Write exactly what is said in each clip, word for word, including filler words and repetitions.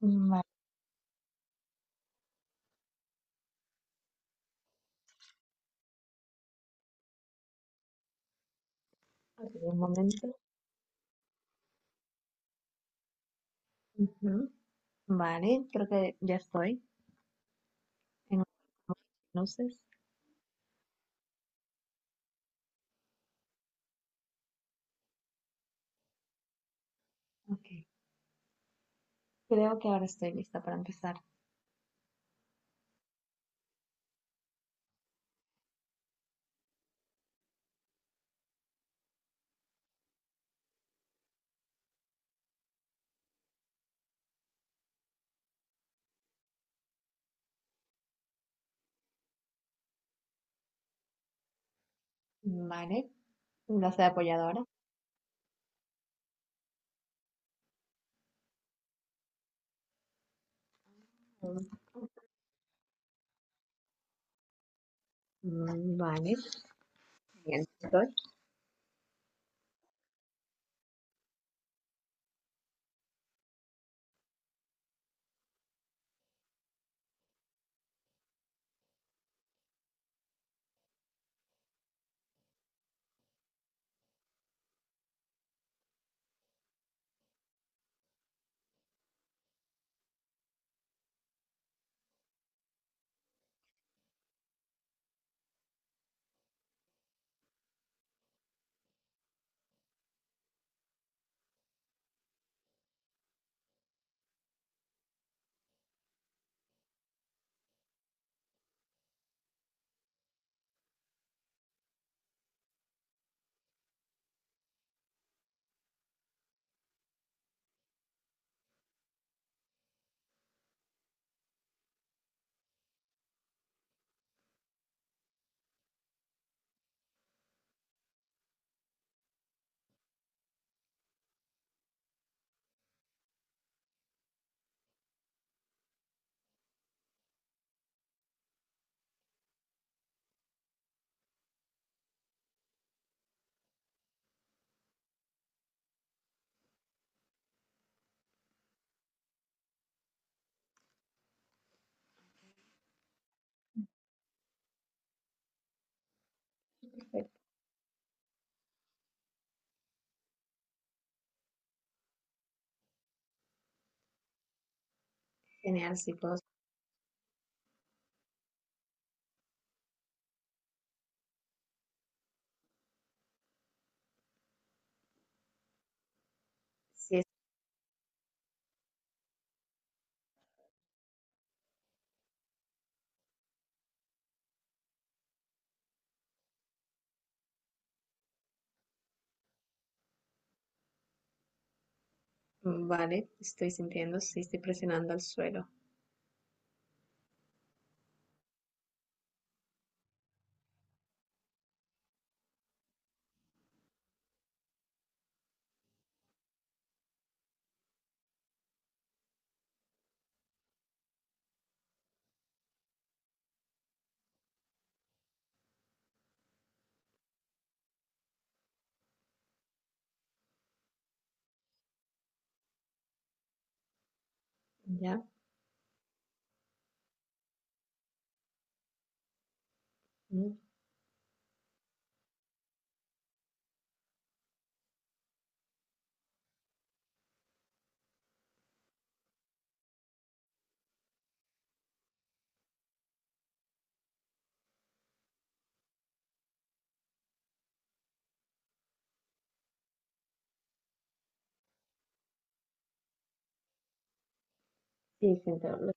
Vale, ok, un momento. Ujú. Vale, creo que ya estoy en luces. Ok, creo que ahora estoy lista para empezar. Vale, la de apoyadora. Mm, vale, bien, estoy. Perfecto. Genial, si puedo. Sí, es- vale, estoy sintiendo, sí, estoy presionando al suelo. ¿Ya? Mm. Sí, siento. lo-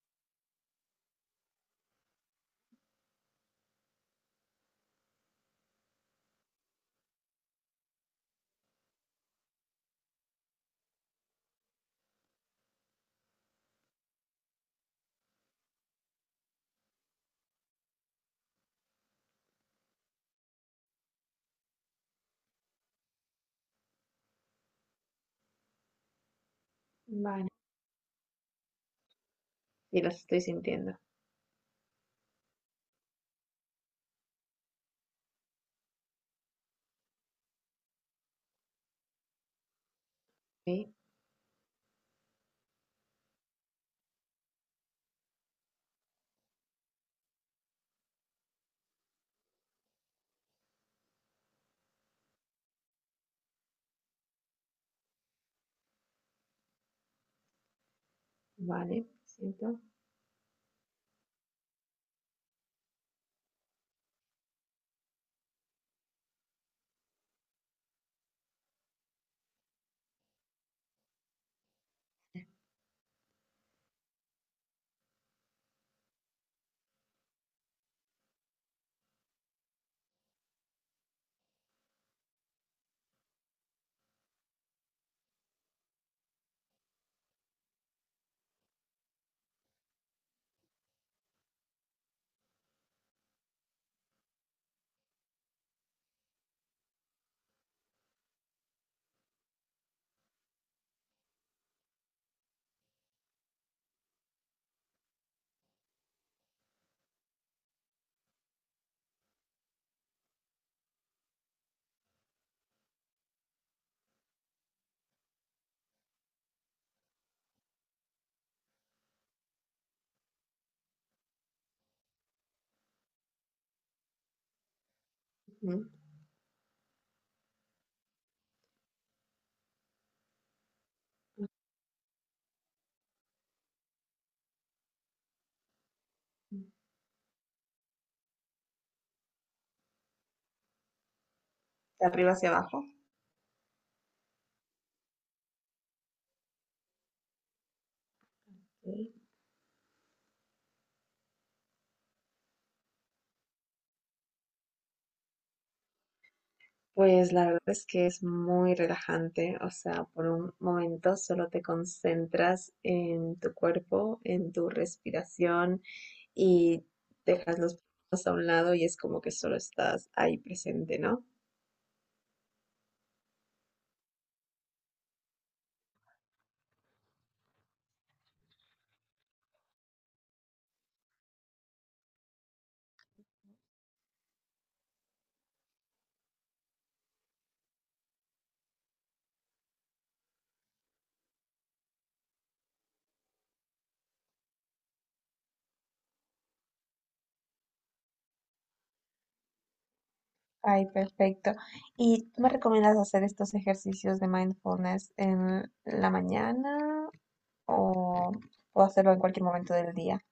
Vale, sí, las estoy sintiendo. Sí, vale, siento. Ujú. De arriba hacia abajo. Pues la verdad es que es muy relajante, o sea, por un momento solo te concentras en tu cuerpo, en tu respiración y dejas los problemas a un lado y es como que solo estás ahí presente, ¿no? Ay, perfecto. ¿Y tú me recomiendas hacer estos ejercicios de mindfulness en la mañana o o hacerlo en cualquier momento del día?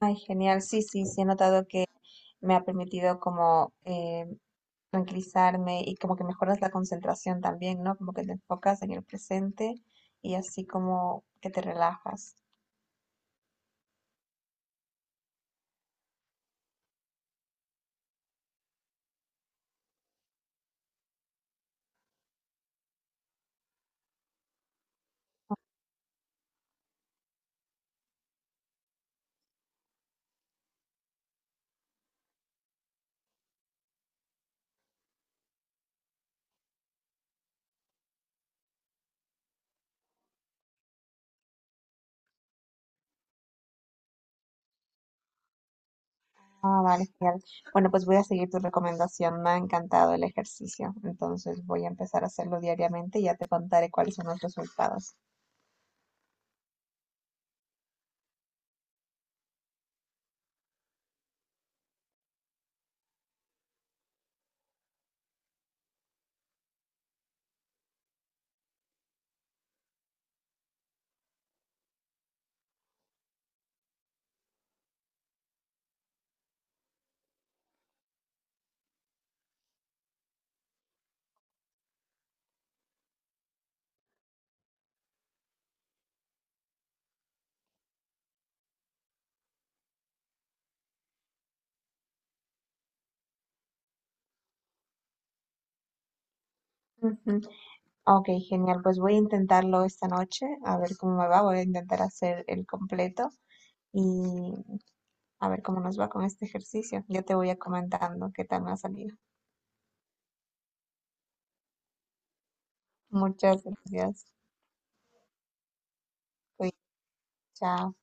Ay, genial. Sí, sí, sí, he notado que me ha permitido como eh, tranquilizarme y como que mejoras la concentración también, ¿no? Como que te enfocas en el presente y así como que te relajas. Ah, vale, genial. Bueno, pues voy a seguir tu recomendación. Me ha encantado el ejercicio. Entonces voy a empezar a hacerlo diariamente y ya te contaré cuáles son los resultados. Ujú. Ok, genial. Pues voy a intentarlo esta noche, a ver cómo me va. Voy a intentar hacer el completo y a ver cómo nos va con este ejercicio. Yo te voy a comentando qué tal me ha salido. Muchas gracias. Cuí- Chao.